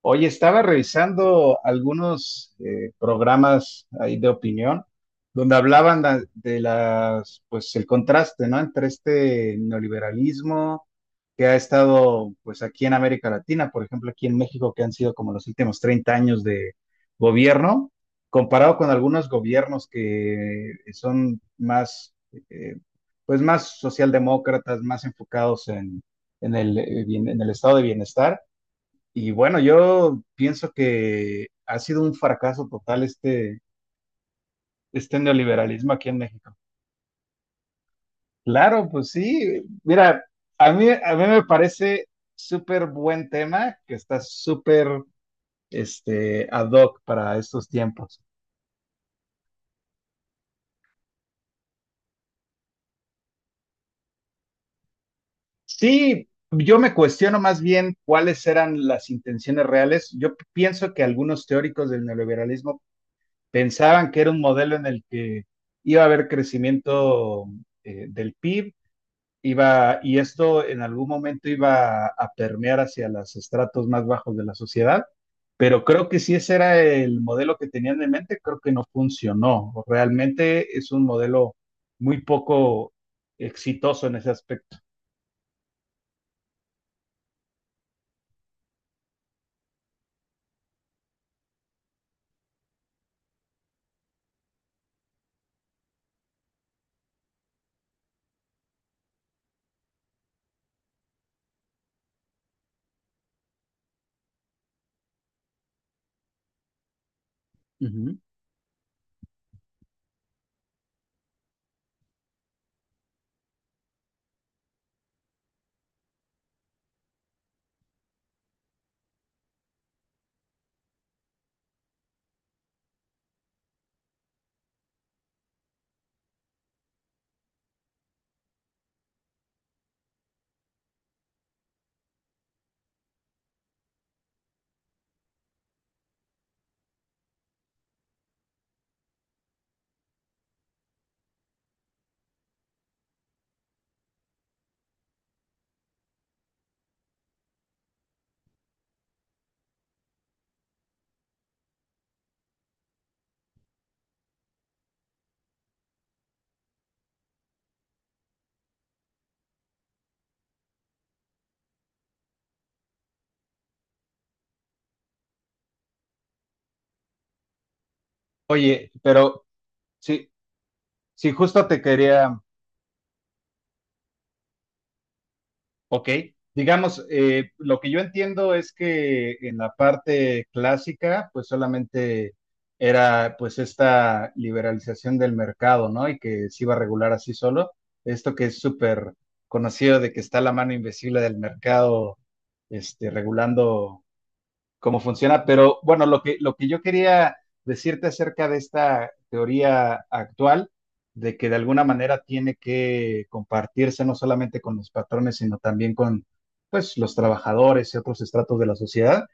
Oye, estaba revisando algunos programas ahí de opinión donde hablaban de las, pues el contraste, ¿no? Entre este neoliberalismo que ha estado, pues aquí en América Latina, por ejemplo, aquí en México, que han sido como los últimos 30 años de gobierno, comparado con algunos gobiernos que son más, eh, pues más socialdemócratas, más enfocados en el estado de bienestar y bueno, yo pienso que ha sido un fracaso total este neoliberalismo aquí en México. Claro, pues sí. Mira, a mí me parece súper buen tema que está súper ad hoc para estos tiempos. Sí, yo me cuestiono más bien cuáles eran las intenciones reales. Yo pienso que algunos teóricos del neoliberalismo pensaban que era un modelo en el que iba a haber crecimiento del PIB iba, y esto en algún momento iba a permear hacia los estratos más bajos de la sociedad, pero creo que si ese era el modelo que tenían en mente, creo que no funcionó. Realmente es un modelo muy poco exitoso en ese aspecto. Ujú. Oye, pero sí, sí, justo te quería. Ok, digamos, lo que yo entiendo es que en la parte clásica, pues solamente era pues esta liberalización del mercado, ¿no? Y que se iba a regular así solo. Esto que es súper conocido de que está la mano invisible del mercado, regulando cómo funciona. Pero bueno, lo que yo quería decirte acerca de esta teoría actual, de que de alguna manera tiene que compartirse no solamente con los patrones, sino también con pues, los trabajadores y otros estratos de la sociedad,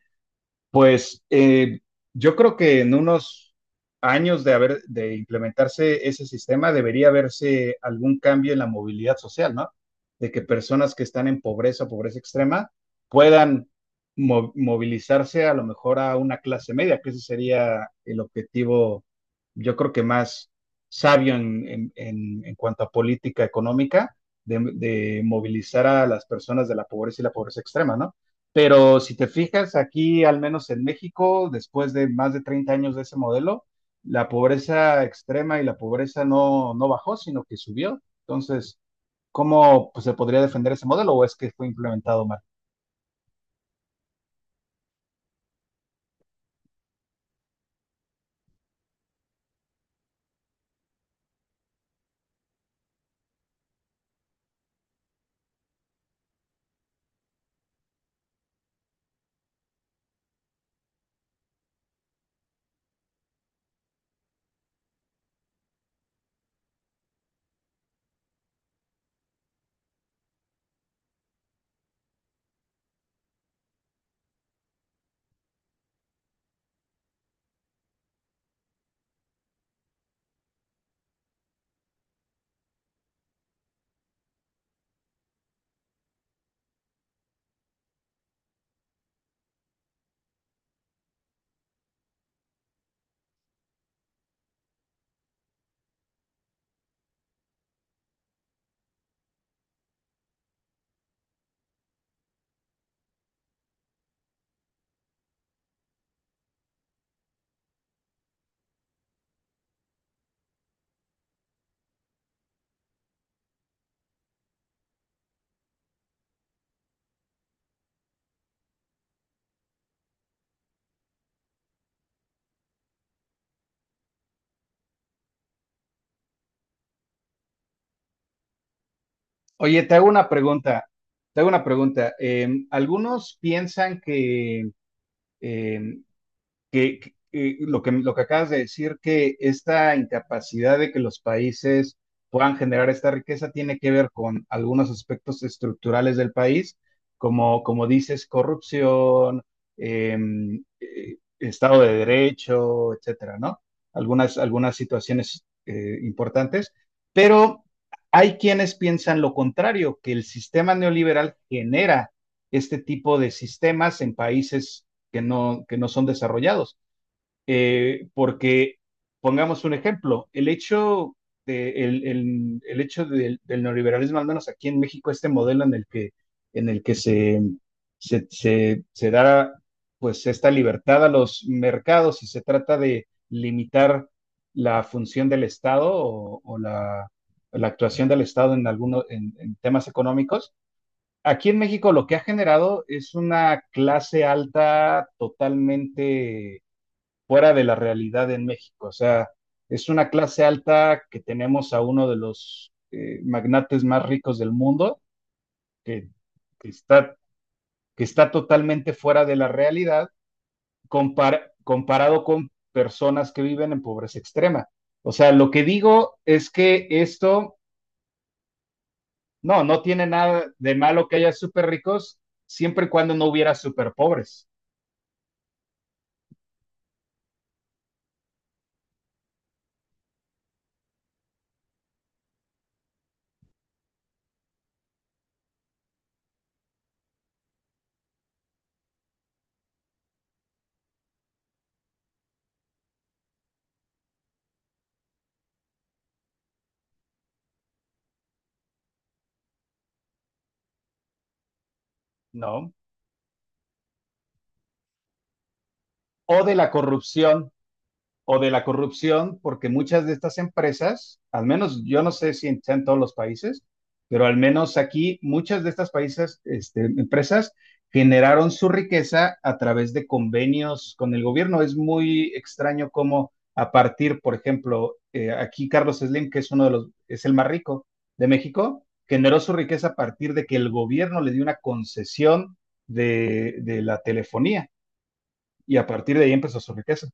pues yo creo que en unos años de haber de implementarse ese sistema debería haberse algún cambio en la movilidad social, ¿no? De que personas que están en pobreza o pobreza extrema puedan movilizarse a lo mejor a una clase media, que ese sería el objetivo, yo creo que más sabio en, en cuanto a política económica, de movilizar a las personas de la pobreza y la pobreza extrema, ¿no? Pero si te fijas, aquí, al menos en México, después de más de 30 años de ese modelo, la pobreza extrema y la pobreza no, no bajó, sino que subió. Entonces, ¿cómo pues, se podría defender ese modelo o es que fue implementado mal? Oye, te hago una pregunta. Te hago una pregunta. Algunos piensan que eh, lo que acabas de decir, que esta incapacidad de que los países puedan generar esta riqueza tiene que ver con algunos aspectos estructurales del país, como dices, corrupción, eh, Estado de Derecho, etcétera, ¿no? Algunas situaciones importantes, pero hay quienes piensan lo contrario, que el sistema neoliberal genera este tipo de sistemas en países que no son desarrollados. Porque, pongamos un ejemplo, el hecho, de, el hecho del neoliberalismo, al menos aquí en México, este modelo en el que se da pues esta libertad a los mercados y se trata de limitar la función del Estado o la actuación del Estado en temas económicos. Aquí en México lo que ha generado es una clase alta totalmente fuera de la realidad en México. O sea, es una clase alta que tenemos a uno de los magnates más ricos del mundo, que, que está, que está totalmente fuera de la realidad comparado con personas que viven en pobreza extrema. O sea, lo que digo es que esto, no, no tiene nada de malo que haya súper ricos, siempre y cuando no hubiera súper pobres. No. o de la corrupción, o de la corrupción, porque muchas de estas empresas, al menos yo no sé si en todos los países, pero al menos aquí muchas de estas países, empresas generaron su riqueza a través de convenios con el gobierno. Es muy extraño cómo a partir, por ejemplo, aquí Carlos Slim, que es el más rico de México, generó su riqueza a partir de que el gobierno le dio una concesión de la telefonía. Y a partir de ahí empezó su riqueza.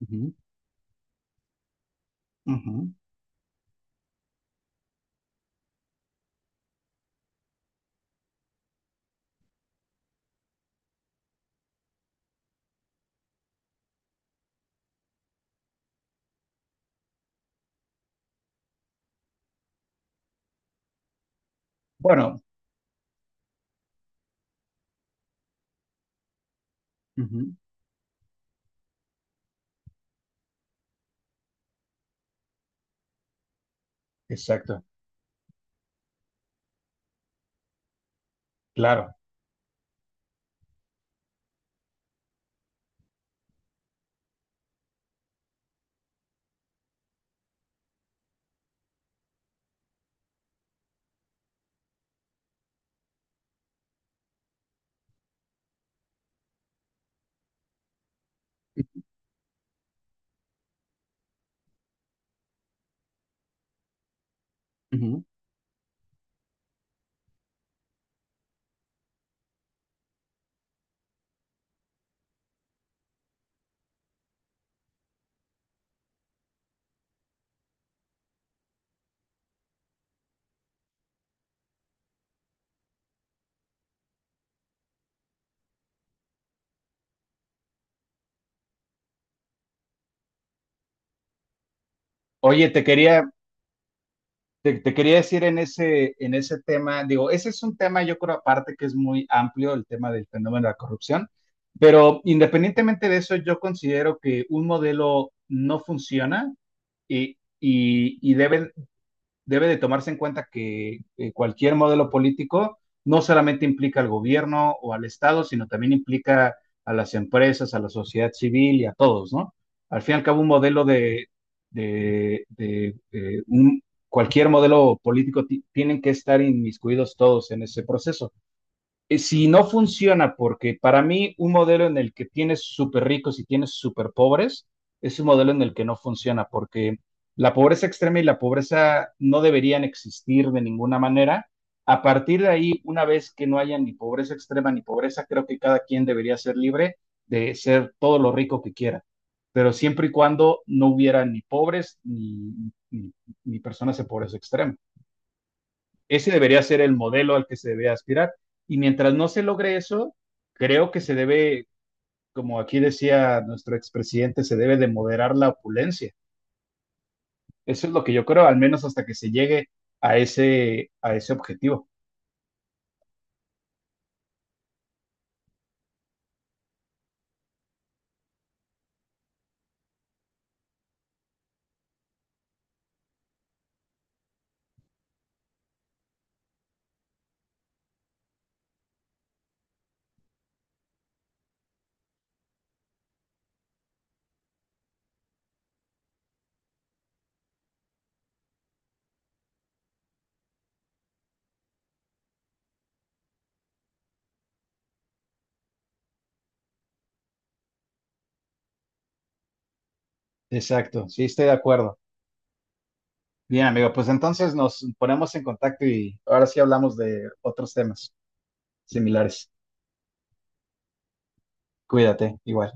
Ujú, ujú. Bueno, ujú, exacto, claro. Ujú. Oye, te quería decir en ese tema, digo, ese es un tema, yo creo, aparte que es muy amplio, el tema del fenómeno de la corrupción, pero independientemente de eso, yo considero que un modelo no funciona y debe de tomarse en cuenta que cualquier modelo político no solamente implica al gobierno o al Estado, sino también implica a las empresas, a la sociedad civil y a todos, ¿no? Al fin y al cabo, un modelo de, de, de un, cualquier modelo político tienen que estar inmiscuidos todos en ese proceso. Si no funciona, porque para mí un modelo en el que tienes súper ricos y tienes súper pobres es un modelo en el que no funciona, porque la pobreza extrema y la pobreza no deberían existir de ninguna manera. A partir de ahí, una vez que no haya ni pobreza extrema ni pobreza, creo que cada quien debería ser libre de ser todo lo rico que quiera, pero siempre y cuando no hubiera ni pobres ni personas de pobreza extrema. Ese debería ser el modelo al que se debe aspirar. Y mientras no se logre eso, creo que se debe, como aquí decía nuestro expresidente, se debe de moderar la opulencia. Eso es lo que yo creo, al menos hasta que se llegue a ese objetivo. Exacto, sí, estoy de acuerdo. Bien, amigo, pues entonces nos ponemos en contacto y ahora sí hablamos de otros temas similares. Cuídate, igual.